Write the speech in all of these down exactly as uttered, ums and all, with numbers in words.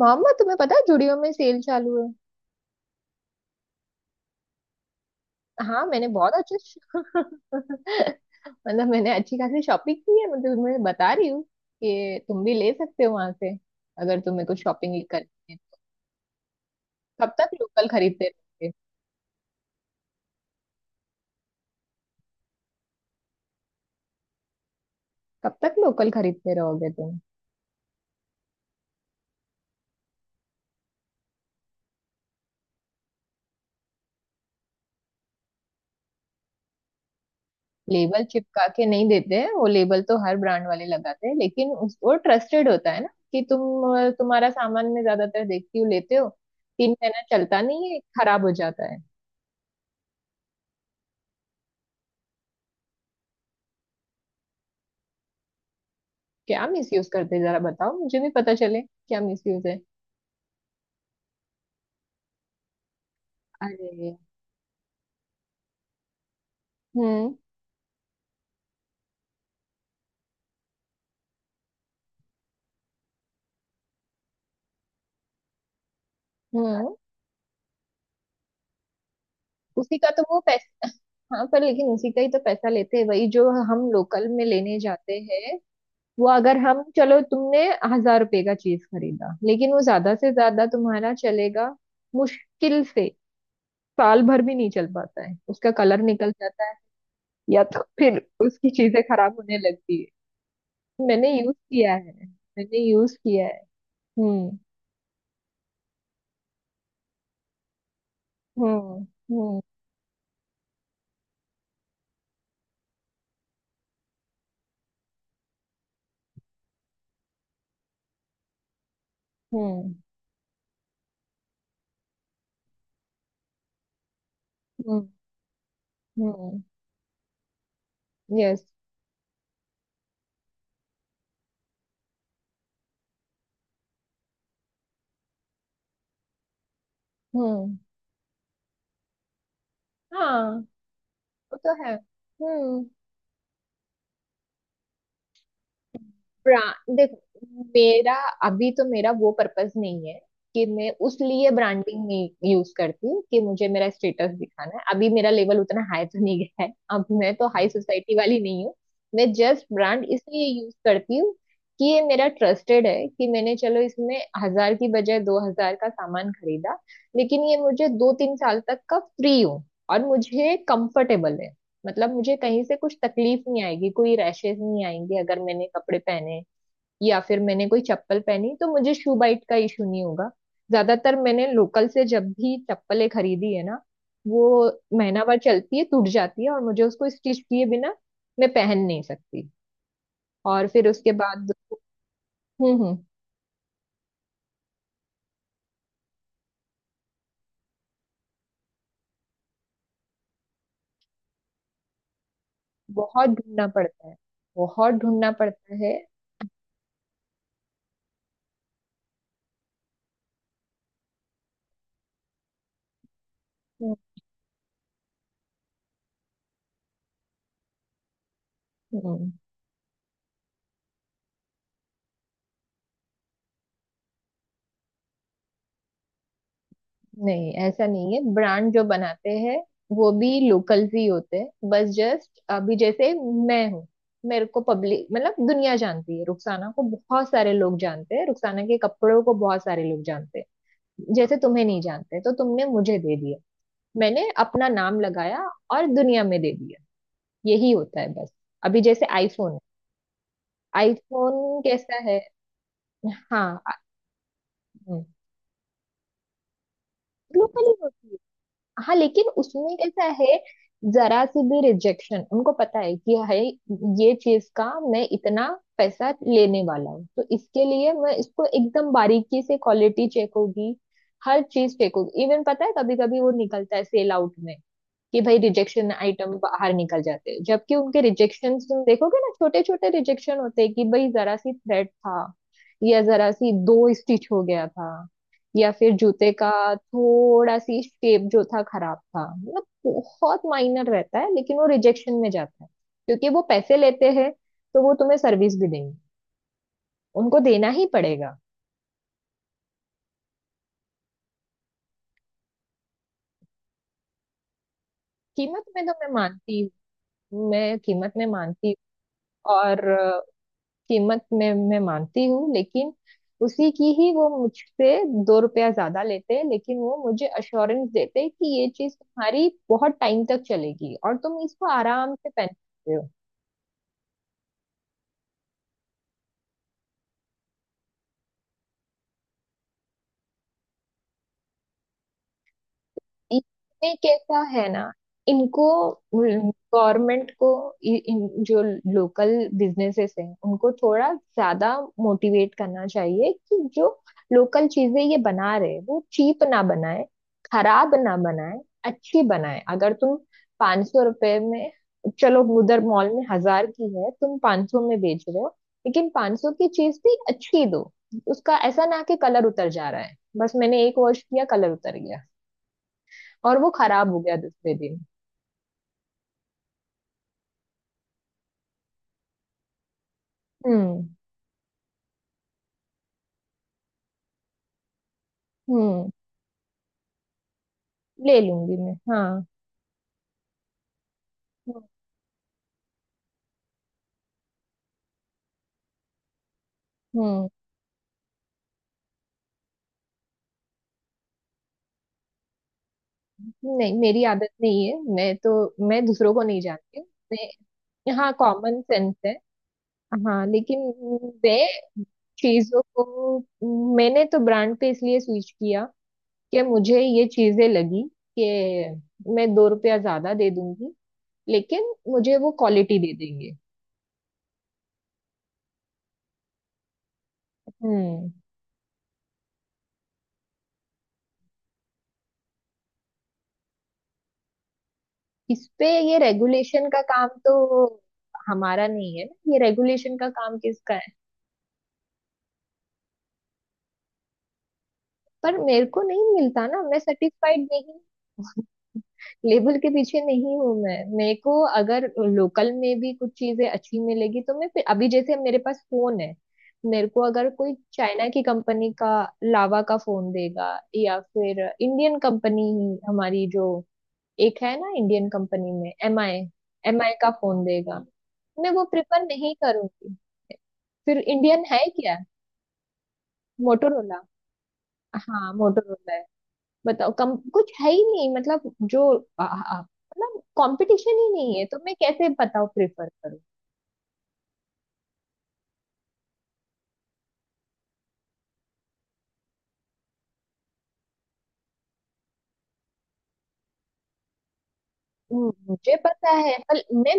मामा, तुम्हें पता है जुड़ियो में सेल चालू है। हाँ, मैंने बहुत अच्छे मतलब, मैंने अच्छी खासी शॉपिंग की है। मतलब, तुम्हें बता रही हूँ कि तुम भी ले सकते हो वहां से अगर तुम्हें कुछ शॉपिंग करनी है। कब तक लोकल खरीदते रहोगे? कब तक लोकल खरीदते रहोगे तुम? लेबल चिपका के नहीं देते हैं। वो लेबल तो हर ब्रांड वाले लगाते हैं, लेकिन उस वो ट्रस्टेड होता है ना, कि तुम तुम्हारा सामान मैं ज्यादातर देखती हूँ लेते हो। तीन महीना चलता नहीं है, खराब हो जाता है। क्या मिसयूज करते हैं? जरा बताओ, मुझे भी पता चले क्या मिसयूज है। अरे! हम्म। हम्म। उसी का तो वो पैसा। हाँ, पर लेकिन उसी का ही तो पैसा लेते हैं, वही जो हम लोकल में लेने जाते हैं। वो अगर हम चलो तुमने, हजार रुपए का चीज खरीदा, लेकिन वो ज्यादा से ज्यादा तुम्हारा चलेगा, मुश्किल से। साल भर भी नहीं चल पाता है, उसका कलर निकल जाता है, या तो फिर उसकी चीजें खराब होने लगती है। मैंने यूज किया है। मैंने यूज किया है। हम्म। हम्म। हम्म। हम्म। हम्म। हम्म। यस। हम्म। हाँ, वो तो है। हम्म। ब्रांड, मेरा, अभी तो मेरा वो पर्पस नहीं है, कि मैं उस लिए ब्रांडिंग नहीं यूज करती कि मुझे मेरा स्टेटस दिखाना है। अभी मेरा लेवल उतना हाई तो नहीं गया है। अब मैं तो हाई सोसाइटी वाली नहीं हूँ। मैं जस्ट ब्रांड इसलिए यूज करती हूँ, कि ये मेरा ट्रस्टेड है, कि मैंने, चलो, इसमें हजार की बजाय दो हजार का सामान खरीदा, लेकिन ये मुझे दो तीन साल तक का फ्री हो, और मुझे कंफर्टेबल है। मतलब, मुझे कहीं से कुछ तकलीफ नहीं आएगी, कोई रैशेज नहीं आएंगे अगर मैंने कपड़े पहने, या फिर मैंने कोई चप्पल पहनी तो मुझे शू बाइट का इशू नहीं होगा। ज्यादातर मैंने लोकल से जब भी चप्पलें खरीदी है ना, वो महीना भर चलती है, टूट जाती है, और मुझे उसको स्टिच किए बिना मैं पहन नहीं सकती। और फिर उसके बाद। हम्म। हम्म। बहुत ढूंढना पड़ता है। बहुत ढूंढना पड़ता है। हम्म। हम्म। नहीं, ऐसा नहीं है। ब्रांड जो बनाते हैं, वो भी लोकल्स ही होते हैं। बस जस्ट, अभी जैसे मैं हूँ। मेरे को पब्लिक, मतलब दुनिया जानती है, रुखसाना को बहुत सारे लोग जानते हैं, रुखसाना के कपड़ों को बहुत सारे लोग जानते हैं। जैसे तुम्हें नहीं जानते तो तुमने मुझे दे दिया, मैंने अपना नाम लगाया, और दुनिया में दे दिया। यही होता है बस। अभी जैसे आईफोन है। आईफोन कैसा है? हाँ, लोकल ही होती है। हाँ, लेकिन उसमें कैसा है। जरा सी भी रिजेक्शन उनको पता है कि है, ये चीज का मैं इतना पैसा लेने वाला हूँ, तो इसके लिए मैं इसको एकदम बारीकी से क्वालिटी चेक होगी। हर चीज चेक होगी, इवन पता है कभी कभी वो निकलता है सेल आउट में, कि भाई रिजेक्शन आइटम बाहर निकल जाते हैं, जबकि उनके रिजेक्शन तुम देखोगे ना, छोटे छोटे रिजेक्शन होते हैं, कि भाई जरा सी थ्रेड था, या जरा सी दो स्टिच हो गया था, या फिर जूते का थोड़ा सी शेप जो था खराब था, मतलब बहुत माइनर रहता है, लेकिन वो रिजेक्शन में जाता है। क्योंकि वो पैसे लेते हैं, तो वो तुम्हें सर्विस भी देंगे, उनको देना ही पड़ेगा। कीमत में तो मैं मानती हूँ, मैं कीमत में मानती हूँ, और कीमत मैं मैं मानती हूँ, लेकिन उसी की ही वो मुझसे दो रुपया ज्यादा लेते हैं, लेकिन वो मुझे अश्योरेंस देते हैं कि ये चीज तुम्हारी बहुत टाइम तक चलेगी और तुम इसको आराम से पहन सकते हो। इसमें कैसा है ना, इनको, गवर्नमेंट को, इ- इन जो लोकल बिजनेसेस हैं उनको थोड़ा ज्यादा मोटिवेट करना चाहिए, कि जो लोकल चीजें ये बना रहे हैं, वो चीप ना बनाए, खराब ना बनाए, अच्छी बनाए। अगर तुम पाँच सौ रुपए में, चलो उधर मॉल में हजार की है, तुम पाँच सौ में बेच रहे हो, लेकिन पाँच सौ की चीज भी अच्छी दो। उसका ऐसा ना, कि कलर उतर जा रहा है, बस मैंने एक वॉश किया कलर उतर गया और वो खराब हो गया दूसरे दिन। हम्म। हम्म। ले लूंगी मैं, हाँ। हम्म। हम्म, नहीं, मेरी आदत नहीं है, मैं तो। मैं दूसरों को नहीं जानती हूँ। मैं, हाँ, कॉमन सेंस है। हाँ, लेकिन। मैं चीजों को, मैंने तो ब्रांड पे इसलिए स्विच किया, कि मुझे ये चीजें लगी, कि मैं दो रुपया ज्यादा दे दूंगी, लेकिन मुझे वो क्वालिटी दे देंगे। हम्म इस पे ये रेगुलेशन का काम तो हमारा नहीं है ना, ये रेगुलेशन का काम किसका है? पर मेरे को नहीं मिलता ना, मैं सेटिस्फाइड नहीं। लेबल के पीछे नहीं हूँ मैं, मेरे को अगर लोकल में भी कुछ चीजें अच्छी मिलेगी तो मैं फिर, अभी जैसे मेरे पास फोन है। मेरे को अगर कोई चाइना की कंपनी का, लावा का फोन देगा, या फिर इंडियन कंपनी ही, हमारी जो एक है ना इंडियन कंपनी में एम आई, एम आई का फोन देगा, मैं वो प्रिफर नहीं करूंगी। फिर इंडियन है क्या? मोटोरोला। हाँ, मोटोरोला है। बताओ, कम कुछ है ही नहीं मतलब। जो आ- आ- मतलब, कंपटीशन ही नहीं है, तो मैं कैसे, बताओ, प्रेफर करूँ। हम्म, मुझे पता है, पर मैं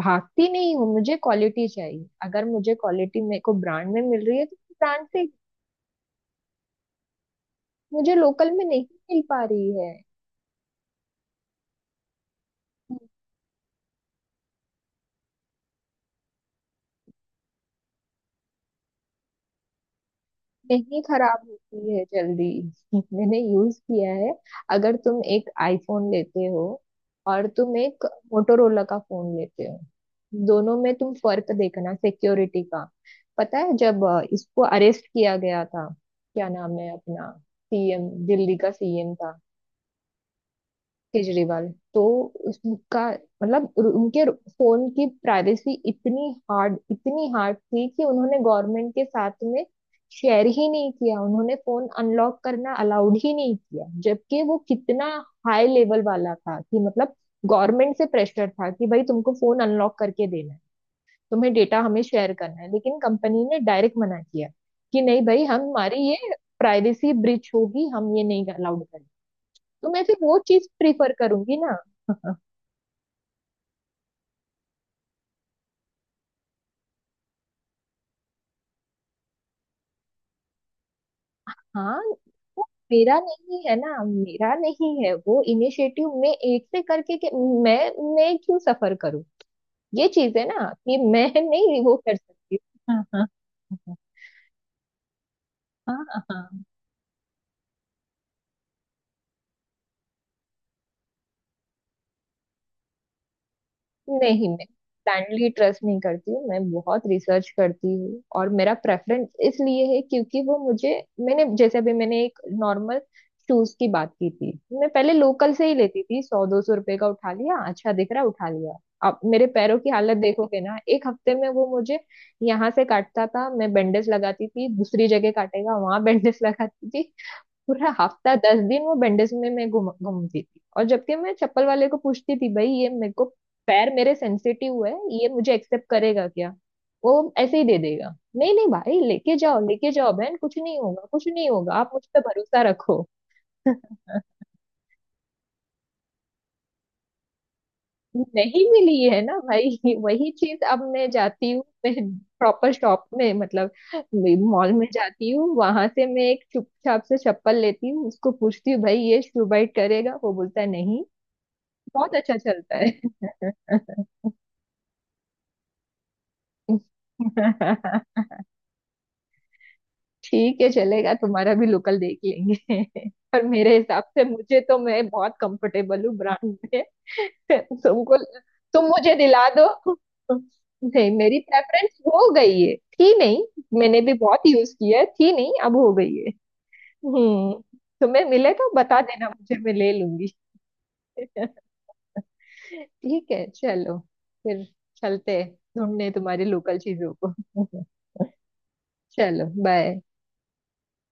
भागती नहीं हूँ, मुझे क्वालिटी चाहिए, अगर मुझे क्वालिटी मेरे को ब्रांड में मिल रही है तो ब्रांड से। मुझे लोकल में नहीं मिल पा रही है। नहीं, खराब होती है जल्दी। मैंने यूज किया है। अगर तुम एक आईफोन लेते हो और तुम एक मोटोरोला का फोन लेते हो, दोनों में तुम फर्क देखना सिक्योरिटी का। पता है जब अ, इसको अरेस्ट किया गया था, क्या नाम है अपना, सी एम, दिल्ली का सी एम था, केजरीवाल। तो उसका, मतलब उनके फोन की प्राइवेसी इतनी हार्ड इतनी हार्ड थी, कि उन्होंने गवर्नमेंट के साथ में शेयर ही नहीं किया, उन्होंने फोन अनलॉक करना अलाउड ही नहीं किया, जबकि वो कितना हाई लेवल वाला था, कि मतलब गवर्नमेंट से प्रेशर था, कि भाई तुमको फोन अनलॉक करके देना है, तुम्हें डेटा हमें शेयर करना है, लेकिन कंपनी ने डायरेक्ट मना किया, कि नहीं भाई, हम हमारी ये प्राइवेसी ब्रिच होगी, हम ये नहीं अलाउड करेंगे। तो मैं फिर वो चीज प्रिफर करूंगी ना। हाँ, वो मेरा नहीं है ना, मेरा नहीं है वो इनिशिएटिव, मैं एक से करके के, मैं मैं क्यों सफर करूं? ये चीज है ना कि मैं नहीं वो कर सकती। हाँ, हाँ, हाँ, हाँ। नहीं, मैं ब्लाइंडली ट्रस्ट नहीं करती हूँ, मैं बहुत रिसर्च करती हूँ और मेरा प्रेफरेंस इसलिए है क्योंकि वो मुझे, मैंने जैसे अभी मैंने एक नॉर्मल शूज की बात की थी। मैं पहले लोकल से ही लेती थी, सौ दो सौ रुपए का उठा लिया, अच्छा दिख रहा, उठा लिया। अब मेरे पैरों की हालत देखोगे ना, एक हफ्ते में वो मुझे यहाँ से काटता था, मैं बैंडेज लगाती थी, दूसरी जगह काटेगा वहां बैंडेज लगाती थी। पूरा हफ्ता दस दिन वो बैंडेज में मैं घूम घूमती थी, और जबकि मैं चप्पल वाले को पूछती थी, भाई ये मेरे को, पैर मेरे सेंसिटिव है, ये मुझे एक्सेप्ट करेगा क्या? वो ऐसे ही दे देगा, नहीं नहीं भाई, लेके जाओ लेके जाओ बहन, कुछ नहीं होगा कुछ नहीं होगा, आप मुझ पे भरोसा रखो। नहीं मिली है ना भाई, वही चीज। अब मैं जाती हूँ, मैं प्रॉपर शॉप में, मतलब मॉल में जाती हूँ, वहां से मैं एक चुपचाप से चप्पल लेती हूँ, उसको पूछती हूँ भाई ये शू बाइट करेगा, वो बोलता है नहीं। बहुत अच्छा चलता है। ठीक है, चलेगा तुम्हारा भी लोकल देख लेंगे। पर मेरे हिसाब से, मुझे तो, मैं बहुत कंफर्टेबल हूँ ब्रांड में। तुमको, तुम मुझे दिला दो। नहीं, मेरी प्रेफरेंस हो गई है, थी नहीं। मैंने भी बहुत यूज किया है, थी नहीं, अब हो गई है। हम्म तुम्हें मिले तो बता देना मुझे, मैं ले लूंगी। ठीक है चलो, फिर चलते हैं ढूंढने तुम्हारे लोकल चीजों को। चलो, बाय।